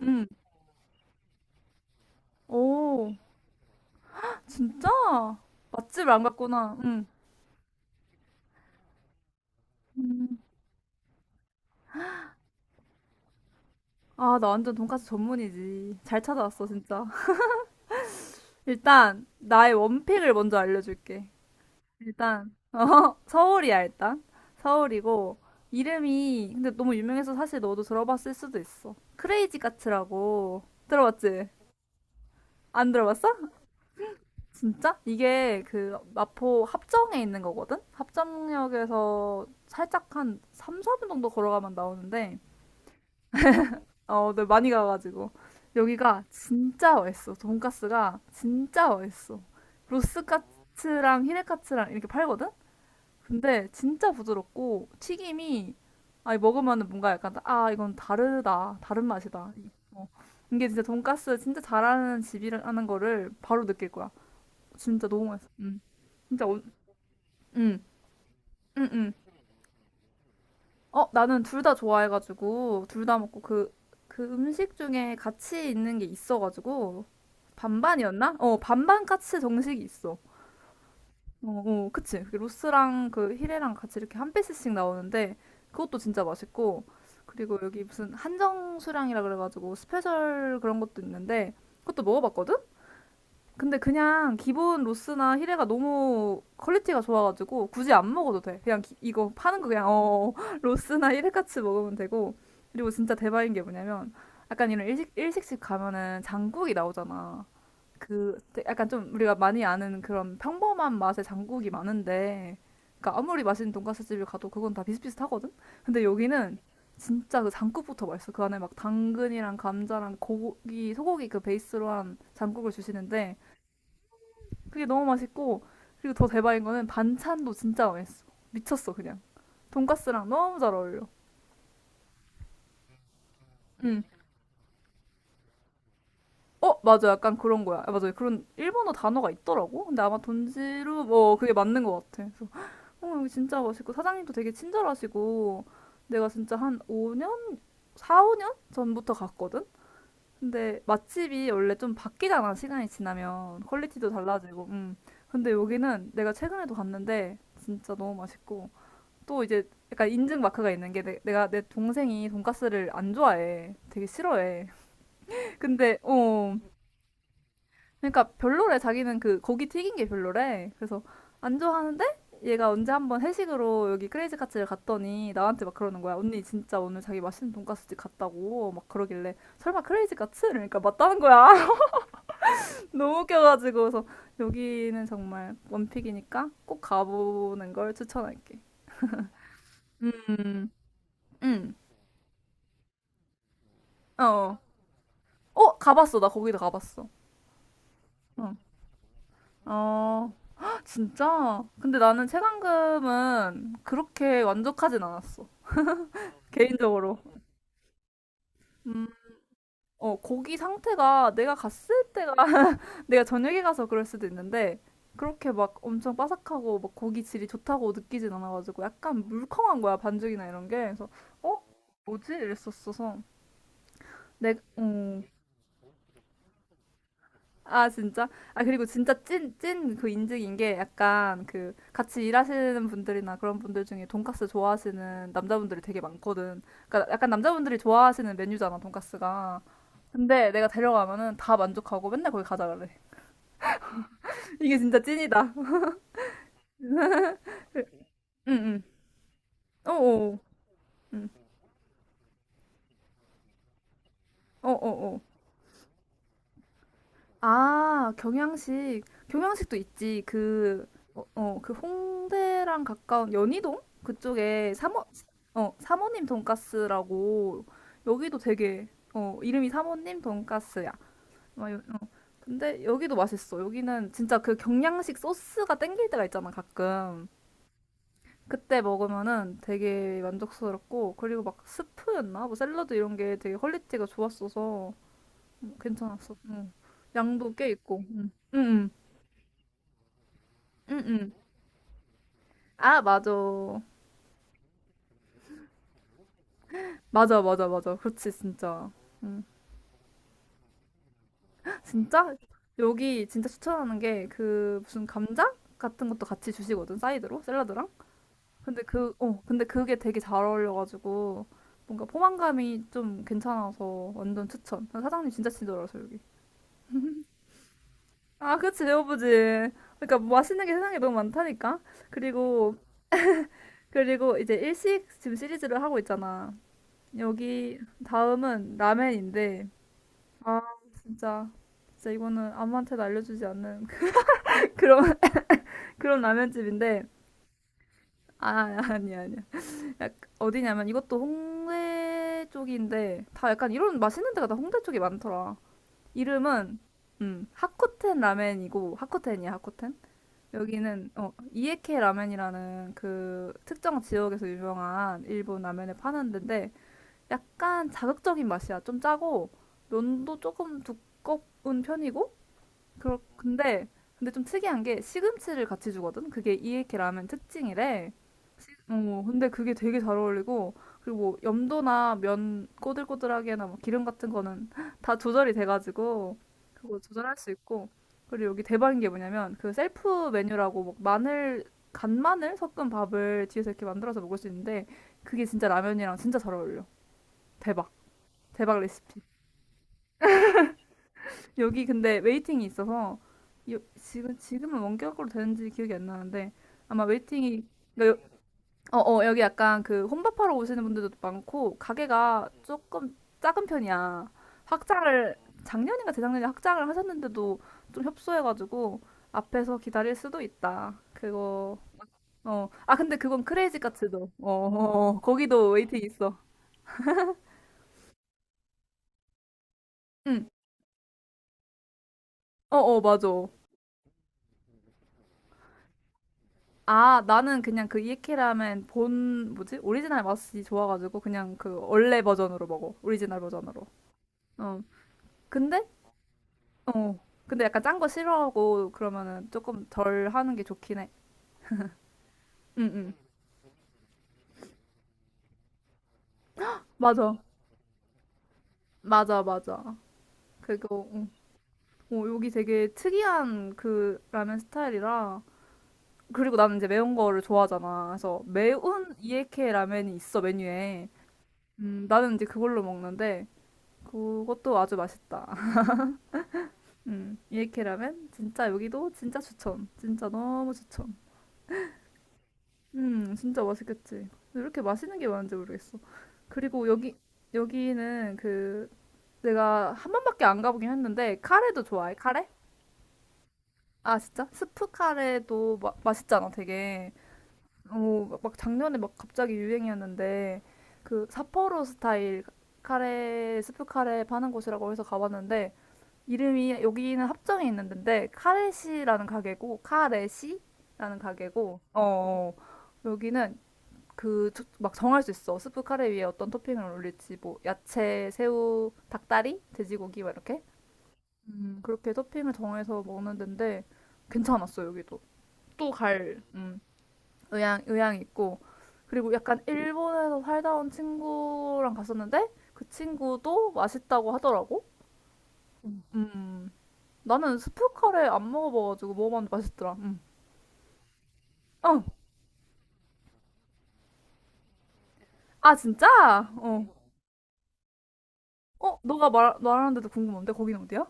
응. 오, 진짜? 맛집을 안 갔구나. 응. 음. 아, 나 완전 돈까스 전문이지. 잘 찾아왔어, 진짜. 일단, 나의 원픽을 먼저 알려줄게. 일단, 서울이야, 일단. 서울이고, 이름이, 근데 너무 유명해서 사실 너도 들어봤을 수도 있어. 크레이지 카츠라고. 들어봤지? 안 들어봤어? 진짜? 이게 그 마포 합정에 있는 거거든? 합정역에서 살짝 한 3, 4분 정도 걸어가면 나오는데, 어, 네, 많이 가가지고. 여기가 진짜 맛있어. 돈가스가 진짜 맛있어. 로스카츠랑 히레카츠랑 이렇게 팔거든? 근데 진짜 부드럽고 튀김이, 아니, 먹으면은 뭔가 약간 아 이건 다르다 다른 맛이다 이게 진짜 돈가스 진짜 잘하는 집이라는 거를 바로 느낄 거야. 진짜 너무 맛있어. 음. 진짜. 음, 음, 음. 나는 둘 다 좋아해가지고, 둘 다 먹고, 그, 그 음식 중에 같이 있는 게 있어가지고, 반반이었나? 반반 까치 정식이 있어. 어, 어, 그치. 그 로스랑 그 히레랑 같이 이렇게 한 피스씩 나오는데, 그것도 진짜 맛있고, 그리고 여기 무슨 한정 수량이라 그래가지고, 스페셜 그런 것도 있는데, 그것도 먹어봤거든? 근데 그냥 기본 로스나 히레가 너무 퀄리티가 좋아가지고 굳이 안 먹어도 돼. 그냥 이거 파는 거 그냥 로스나 히레 같이 먹으면 되고, 그리고 진짜 대박인 게 뭐냐면, 약간 이런 일식집 가면은 장국이 나오잖아. 약간 좀 우리가 많이 아는 그런 평범한 맛의 장국이 많은데, 그러니까 아무리 맛있는 돈가스 집을 가도 그건 다 비슷비슷하거든. 근데 여기는 진짜 그 장국부터 맛있어. 그 안에 막 당근이랑 감자랑 고기, 소고기 그 베이스로 한 장국을 주시는데, 그게 너무 맛있고, 그리고 더 대박인 거는 반찬도 진짜 맛있어. 미쳤어 그냥. 돈까스랑 너무 잘 어울려. 응. 맞아, 약간 그런 거야. 아, 맞아, 그런 일본어 단어가 있더라고. 근데 아마 돈지루 뭐 그게 맞는 것 같아. 그래서 여기 진짜 맛있고, 사장님도 되게 친절하시고, 내가 진짜 한 5년, 4, 5년 전부터 갔거든. 근데 맛집이 원래 좀 바뀌잖아, 시간이 지나면 퀄리티도 달라지고. 음. 근데 여기는 내가 최근에도 갔는데 진짜 너무 맛있고, 또 이제 약간 인증 마크가 있는 게, 내 동생이 돈가스를 안 좋아해. 되게 싫어해. 근데 그러니까 별로래. 자기는 그 고기 튀긴 게 별로래. 그래서 안 좋아하는데, 얘가 언제 한번 회식으로 여기 크레이지 카츠를 갔더니 나한테 막 그러는 거야. 언니 진짜 오늘 자기 맛있는 돈가스집 갔다고 막 그러길래 설마 크레이지 카츠? 그러니까 맞다는 거야. 너무 웃겨가지고. 그래서 여기는 정말 원픽이니까 꼭 가보는 걸 추천할게. 음, 음, 어. 어, 가봤어. 나 거기도 가봤어. 응. 어, 진짜? 근데 나는 체감금은 그렇게 만족하진 않았어. 개인적으로. 음, 거기 상태가 내가 갔을 때가 내가 저녁에 가서 그럴 수도 있는데, 그렇게 막 엄청 바삭하고 막 고기 질이 좋다고 느끼진 않아가지고, 약간 물컹한 거야, 반죽이나 이런 게. 그래서 어? 뭐지? 이랬었어서. 내, 어, 아, 진짜? 아, 그리고 진짜 찐, 찐 그 인증인 게, 약간 그 같이 일하시는 분들이나 그런 분들 중에 돈까스 좋아하시는 남자분들이 되게 많거든. 그러니까 약간 남자분들이 좋아하시는 메뉴잖아, 돈까스가. 근데 내가 데려가면은 다 만족하고 맨날 거기 가자 그래. 이게 진짜 찐이다. 응, 응. 어어. 응. 어어어. 아, 경양식. 경양식도 있지. 그 홍대랑 가까운 연희동? 그쪽에 사모님 돈가스라고. 여기도 되게, 이름이 사모님 돈가스야. 막 요- 어. 근데 여기도 맛있어. 여기는 진짜 그 경양식 소스가 땡길 때가 있잖아, 가끔. 그때 먹으면은 되게 만족스럽고, 그리고 막 스프였나? 뭐 샐러드 이런 게 되게 퀄리티가 좋았어서 괜찮았어. 응. 양도 꽤 있고. 응. 응. 응. 응응. 아, 맞아. 맞아, 맞아, 맞아. 그렇지, 진짜. 응. 진짜? 여기 진짜 추천하는 게, 그 무슨 감자 같은 것도 같이 주시거든, 사이드로, 샐러드랑. 근데 근데 그게 되게 잘 어울려가지고 뭔가 포만감이 좀 괜찮아서 완전 추천. 아, 사장님 진짜 친절하셔, 여기. 아, 그치, 배고프지. 그러니까 뭐 맛있는 게 세상에 너무 많다니까. 그리고, 그리고 이제 일식 지금 시리즈를 하고 있잖아. 여기 다음은 라멘인데, 아, 진짜. 진짜 이거는 아무한테도 알려주지 않는 그런, 그런 라면집인데. 아, 아니야, 아니야. 약, 어디냐면 이것도 홍대 쪽인데, 다 약간 이런 맛있는 데가 다 홍대 쪽이 많더라. 이름은, 하코텐 라멘이고, 하코텐이야, 하코텐? 여기는, 이에케 라멘이라는 그 특정 지역에서 유명한 일본 라면을 파는 데인데, 약간 자극적인 맛이야. 좀 짜고, 면도 조금 두꺼운 편이고, 그렇 근데 근데 좀 특이한 게 시금치를 같이 주거든. 그게 이에케 라면 특징이래. 근데 그게 되게 잘 어울리고, 그리고 뭐 염도나 면 꼬들꼬들하게나 뭐 기름 같은 거는 다 조절이 돼가지고 그거 조절할 수 있고. 그리고 여기 대박인 게 뭐냐면, 그 셀프 메뉴라고 막 마늘, 간마늘 섞은 밥을 뒤에서 이렇게 만들어서 먹을 수 있는데, 그게 진짜 라면이랑 진짜 잘 어울려. 대박. 대박 레시피. 여기 근데 웨이팅이 있어서 지금은 원격으로 되는지 기억이 안 나는데, 아마 웨이팅이, 그러니까 여기 약간 그 혼밥하러 오시는 분들도 많고 가게가 조금 작은 편이야. 확장을 작년인가 재작년에 확장을 하셨는데도 좀 협소해가지고 앞에서 기다릴 수도 있다. 그거, 어, 아 근데 그건 크레이지 카츠도 거기도 웨이팅 있어. 응, 어, 어, 맞아. 아, 나는 그냥 그 이케라멘 뭐지, 오리지널 맛이 좋아가지고 그냥 그 원래 버전으로 먹어. 오리지널 버전으로. 어. 근데? 어. 근데 약간 짠 거 싫어하고 그러면은 조금 덜 하는 게 좋긴 해. 응, 응. 맞아. 맞아, 맞아. 그거, 응. 여기 되게 특이한 그 라면 스타일이라. 그리고 나는 이제 매운 거를 좋아하잖아. 그래서 매운 이케 라면이 있어, 메뉴에. 나는 이제 그걸로 먹는데 그것도 아주 맛있다. 이렇게 라면 진짜 여기도 진짜 추천. 진짜 너무 추천. 진짜 맛있겠지. 근데 이렇게 맛있는 게 많은지 모르겠어. 그리고 여기는 그, 내가 한 번밖에 안 가보긴 했는데 카레도 좋아해. 카레? 아, 진짜? 스프 카레도 맛있잖아, 되게. 막, 작년에 막 갑자기 유행이었는데, 그 삿포로 스타일 카레, 스프 카레 파는 곳이라고 해서 가봤는데, 이름이, 여기는 합정에 있는데, 카레시라는 가게고, 여기는 그 막 정할 수 있어. 스프 카레 위에 어떤 토핑을 올릴지 뭐 야채, 새우, 닭다리, 돼지고기, 막 이렇게, 그렇게 토핑을 정해서 먹는 데인데 괜찮았어, 여기도. 또 갈 의향 있고, 그리고 약간 일본에서 살다 온 친구랑 갔었는데 그 친구도 맛있다고 하더라고. 음 나는 스프 카레 안 먹어봐가지고 먹어봤는데 맛있더라. 응. 어. 아 진짜? 어. 너가 말 말하는데도 궁금한데 거기는 어디야?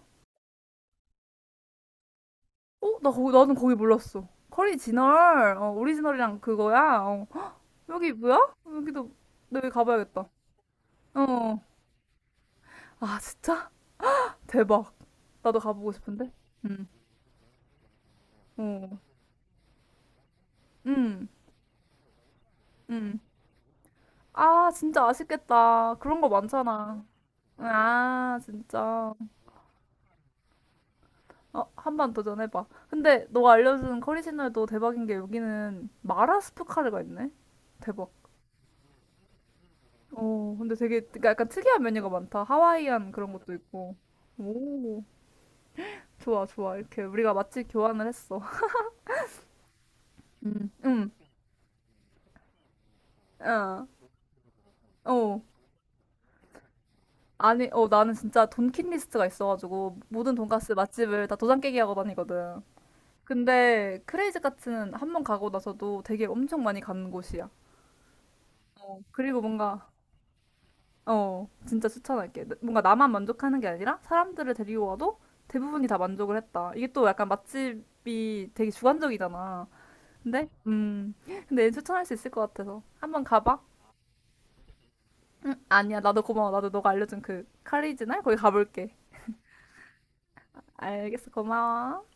어? 나 거기 나는 거기 몰랐어. 커리 진얼, 오리지널이랑 그거야. 어. 여기 뭐야? 여기도 내가 가봐야겠다. 어. 아 진짜? 대박. 나도 가보고 싶은데. 응. 어. 응, 응. 아 진짜 아쉽겠다. 그런 거 많잖아. 아 진짜. 어, 한 번 도전해봐. 근데 너가 알려준 커리 채널도 대박인 게, 여기는 마라스프 카레가 있네? 대박. 근데 되게, 그러니까 약간 특이한 메뉴가 많다. 하와이안 그런 것도 있고. 오, 좋아, 좋아. 이렇게 우리가 맛집 교환을 했어. 응, 어, 어. 아니, 나는 진짜 돈킷 리스트가 있어가지고 모든 돈가스 맛집을 다 도장 깨기 하고 다니거든. 근데 크레이지 카츠는 한번 가고 나서도 되게 엄청 많이 가는 곳이야. 그리고 뭔가, 진짜 추천할게. 뭔가 나만 만족하는 게 아니라 사람들을 데리고 와도 대부분이 다 만족을 했다. 이게 또 약간 맛집이 되게 주관적이잖아. 근데, 음, 근데 얘는 추천할 수 있을 것 같아서. 한번 가봐. 응, 아니야. 나도 고마워. 나도 너가 알려준 그 카리지날 거기 가볼게. 알겠어. 고마워.